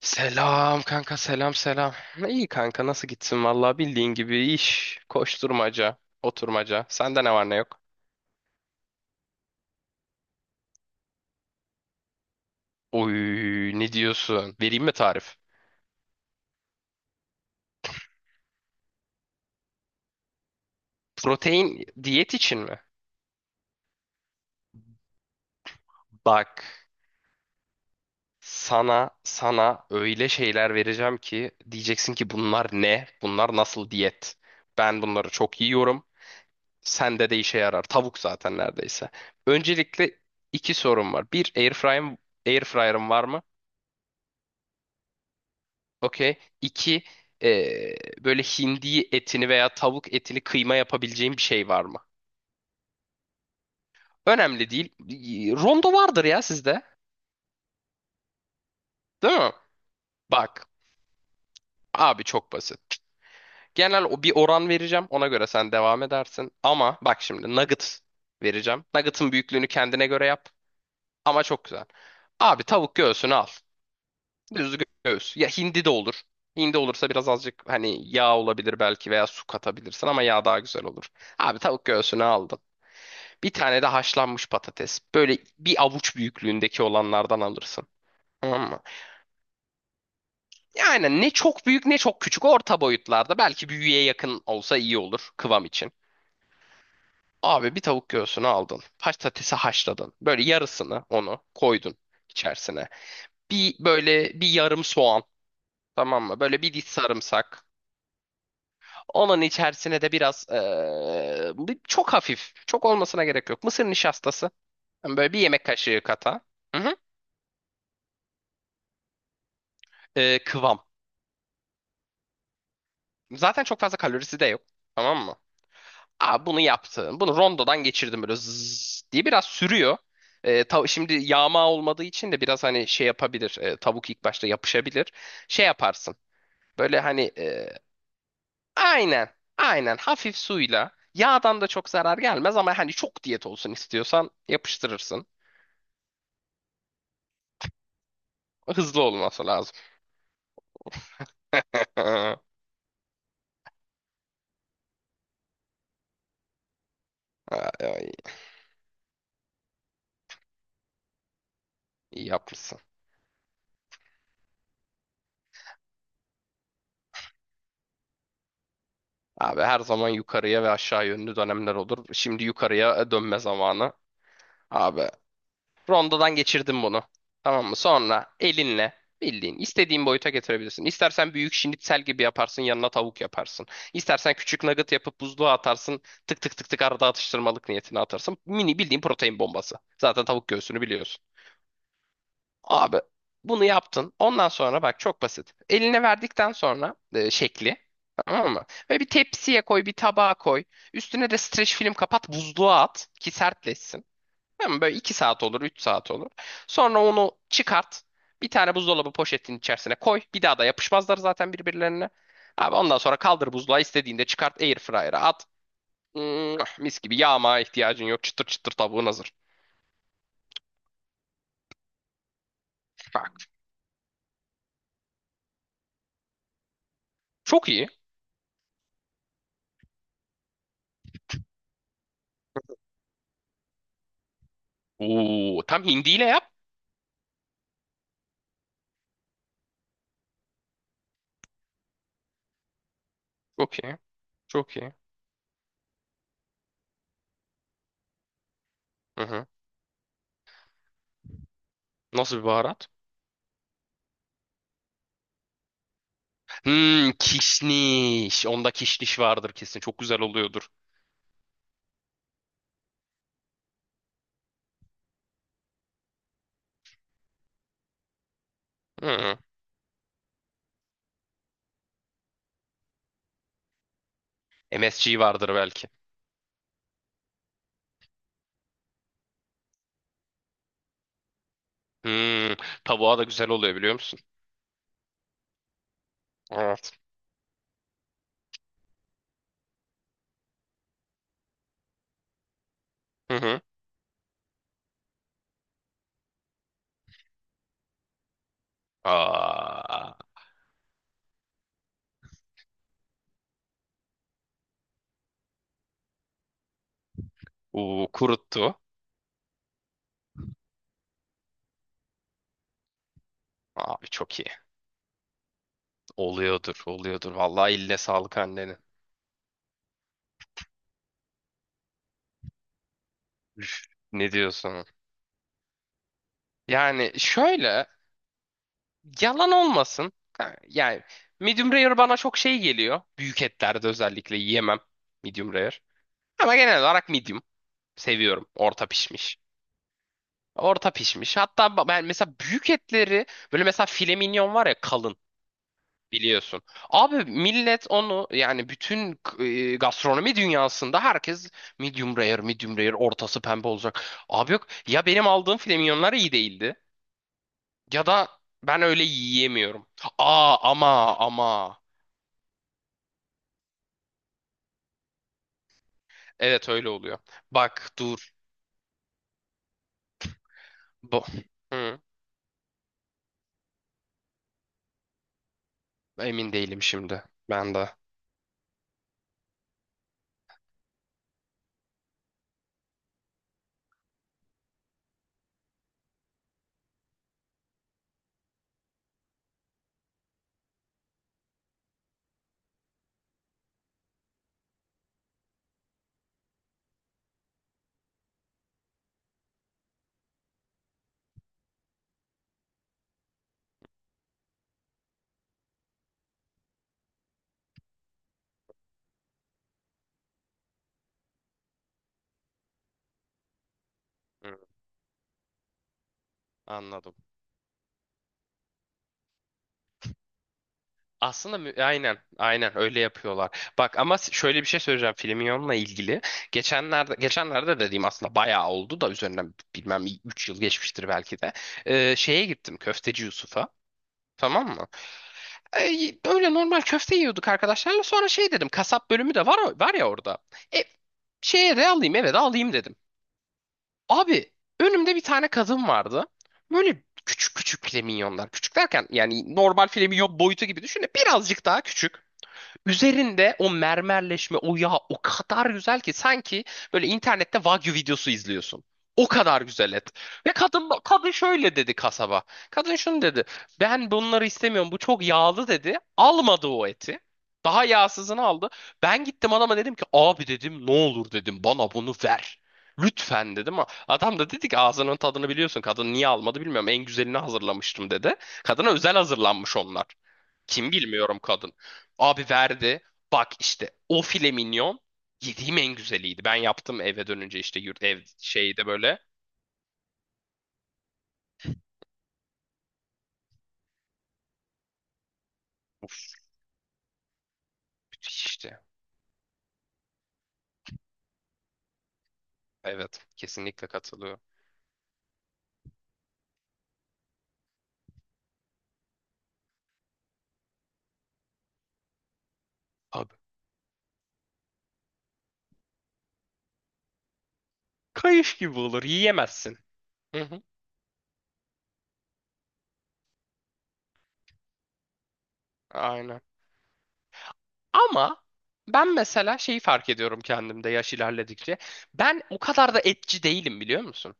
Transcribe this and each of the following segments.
Selam kanka selam selam. İyi kanka nasıl gitsin vallahi bildiğin gibi iş, koşturmaca, oturmaca. Sende ne var ne yok? Oy ne diyorsun? Vereyim mi tarif? Protein diyet için mi? Bak sana öyle şeyler vereceğim ki diyeceksin ki bunlar ne? Bunlar nasıl diyet? Ben bunları çok yiyorum. Sende de işe yarar. Tavuk zaten neredeyse. Öncelikle iki sorum var. Bir airfryer'ım var mı? Okey. İki, eee, böyle hindi etini veya tavuk etini kıyma yapabileceğim bir şey var mı? Önemli değil. Rondo vardır ya sizde. Değil mi? Bak. Abi çok basit. Genel o bir oran vereceğim. Ona göre sen devam edersin. Ama bak şimdi nugget vereceğim. Nugget'ın büyüklüğünü kendine göre yap. Ama çok güzel. Abi tavuk göğsünü al. Düz göğüs. Ya hindi de olur. Hindi olursa biraz azıcık hani yağ olabilir belki veya su katabilirsin ama yağ daha güzel olur. Abi tavuk göğsünü aldın. Bir tane de haşlanmış patates. Böyle bir avuç büyüklüğündeki olanlardan alırsın. Tamam mı? Yani ne çok büyük ne çok küçük orta boyutlarda. Belki büyüye yakın olsa iyi olur kıvam için. Abi bir tavuk göğsünü aldın. Patatesi haşladın. Böyle yarısını onu koydun içerisine. Bir böyle bir yarım soğan. Tamam mı? Böyle bir diş sarımsak. Onun içerisine de biraz çok hafif. Çok olmasına gerek yok. Mısır nişastası. Yani böyle bir yemek kaşığı kata. Hı hı. Kıvam. Zaten çok fazla kalorisi de yok. Tamam mı? Aa, bunu yaptım. Bunu rondodan geçirdim böyle zzz diye biraz sürüyor. Şimdi yağma olmadığı için de biraz hani şey yapabilir. Tavuk ilk başta yapışabilir. Şey yaparsın. Böyle hani aynen aynen hafif suyla yağdan da çok zarar gelmez ama hani çok diyet olsun istiyorsan yapıştırırsın. Hızlı olması lazım. Ay, ay, iyi yapmışsın. Abi her zaman yukarıya ve aşağı yönlü dönemler olur. Şimdi yukarıya dönme zamanı. Abi rondodan geçirdim bunu. Tamam mı? Sonra elinle bildiğin istediğin boyuta getirebilirsin. İstersen büyük şinitsel gibi yaparsın, yanına tavuk yaparsın. İstersen küçük nugget yapıp buzluğa atarsın. Tık tık tık tık arada atıştırmalık niyetine atarsın. Mini bildiğin protein bombası. Zaten tavuk göğsünü biliyorsun. Abi bunu yaptın. Ondan sonra bak çok basit. Eline verdikten sonra şekli. Tamam mı? Ve bir tepsiye koy, bir tabağa koy. Üstüne de streç film kapat, buzluğa at ki sertleşsin. Tamam, böyle 2 saat olur, 3 saat olur. Sonra onu çıkart. Bir tane buzdolabı poşetinin içerisine koy. Bir daha da yapışmazlar zaten birbirlerine. Abi ondan sonra kaldır buzluğa, istediğinde çıkart airfryer'a at. Mis gibi, yağmaya ihtiyacın yok. Çıtır çıtır tavuğun hazır. Bak, çok iyi. Oo, tam hindiyle yap. Çok iyi. Çok iyi. Hı hı. Nasıl bir baharat? Hmm, kişniş. Onda kişniş vardır kesin. Çok güzel oluyordur. Hı hı. MSG vardır belki. Hmm, tavuğa da güzel oluyor, biliyor musun? Evet. Hı hı. Aa, uu, kuruttu. Abi çok iyi. Oluyordur, oluyordur. Vallahi eline sağlık annenin. Üf, ne diyorsun? Yani şöyle, yalan olmasın. Ha, yani medium rare bana çok şey geliyor. Büyük etlerde özellikle yiyemem medium rare. Ama genel olarak medium. Seviyorum. Orta pişmiş. Orta pişmiş. Hatta ben mesela büyük etleri, böyle mesela file mignon var ya kalın. Biliyorsun. Abi millet onu, yani bütün gastronomi dünyasında herkes medium rare, medium rare, ortası pembe olacak. Abi yok ya, benim aldığım filmyonlar iyi değildi ya da ben öyle yiyemiyorum. Aa, ama ama. Evet, öyle oluyor. Bak dur. Bu. Hı, emin değilim şimdi. Ben de. Hı, anladım. Aslında aynen aynen öyle yapıyorlar. Bak ama şöyle bir şey söyleyeceğim Filmion'la ilgili. Geçenlerde dediğim aslında bayağı oldu da, üzerinden bilmem 3 yıl geçmiştir belki de. Şeye gittim, Köfteci Yusuf'a. Tamam mı? Öyle normal köfte yiyorduk arkadaşlarla. Sonra şey dedim, kasap bölümü de var ya orada. E, şeye de alayım, eve de alayım dedim. Abi önümde bir tane kadın vardı. Böyle küçük küçük flamingonlar. Küçük derken yani normal flamingon boyutu gibi düşünün. Birazcık daha küçük. Üzerinde o mermerleşme, o yağ o kadar güzel ki sanki böyle internette Wagyu videosu izliyorsun. O kadar güzel et. Ve kadın şöyle dedi kasaba. Kadın şunu dedi. Ben bunları istemiyorum. Bu çok yağlı dedi. Almadı o eti. Daha yağsızını aldı. Ben gittim adama dedim ki abi dedim, ne olur dedim, bana bunu ver. Lütfen dedim ama adam da dedi ki ağzının tadını biliyorsun, kadın niye almadı bilmiyorum, en güzelini hazırlamıştım dedi. Kadına özel hazırlanmış onlar. Kim bilmiyorum kadın. Abi verdi. Bak işte o file minyon yediğim en güzeliydi. Ben yaptım eve dönünce, işte yurt ev şeyde böyle. Müthiş işte. Evet, kesinlikle katılıyorum. Abi kayış gibi olur, yiyemezsin. Hı hı, aynen. Ama ben mesela şeyi fark ediyorum kendimde yaş ilerledikçe. Ben o kadar da etçi değilim, biliyor musun?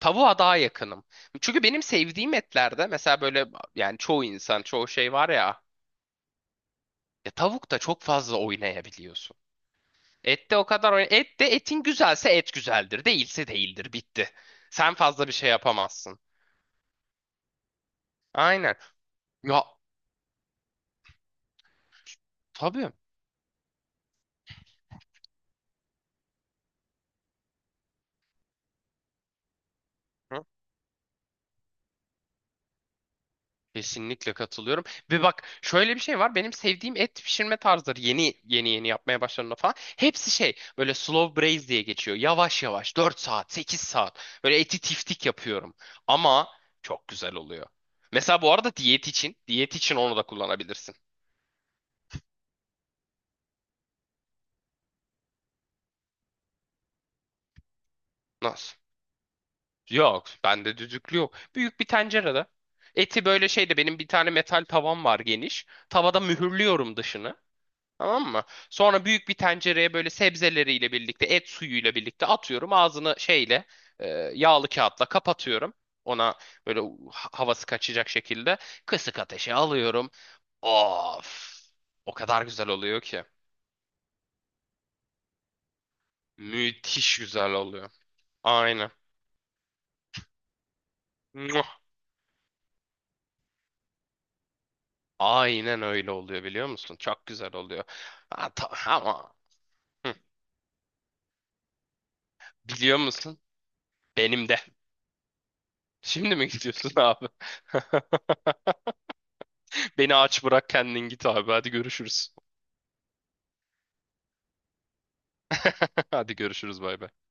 Tavuğa daha yakınım. Çünkü benim sevdiğim etlerde mesela böyle, yani çoğu insan, çoğu şey var ya. Ya tavukta çok fazla oynayabiliyorsun. Et de o kadar oyn- et de etin güzelse et güzeldir, değilse değildir, bitti. Sen fazla bir şey yapamazsın. Aynen. Ya, tabii. Hı, kesinlikle katılıyorum. Ve bak şöyle bir şey var. Benim sevdiğim et pişirme tarzları yeni yeni yapmaya başladığımda falan. Hepsi şey böyle slow braise diye geçiyor. Yavaş yavaş dört saat 8 saat böyle eti tiftik yapıyorum. Ama çok güzel oluyor. Mesela bu arada diyet için onu da kullanabilirsin. Nasıl? Yok, bende düdüklü yok. Büyük bir tencerede. Eti böyle şeyde, benim bir tane metal tavam var geniş. Tavada mühürlüyorum dışını. Tamam mı? Sonra büyük bir tencereye böyle sebzeleriyle birlikte, et suyuyla birlikte atıyorum. Ağzını şeyle, e, yağlı kağıtla kapatıyorum. Ona böyle havası kaçacak şekilde kısık ateşe alıyorum. Of! O kadar güzel oluyor ki. Müthiş güzel oluyor. Aynen. Aynen öyle oluyor, biliyor musun? Çok güzel oluyor. Ha, ta- ama hı, biliyor musun? Benim de. Şimdi mi gidiyorsun abi? Beni aç bırak kendin git abi. Hadi görüşürüz. Hadi görüşürüz bay bay.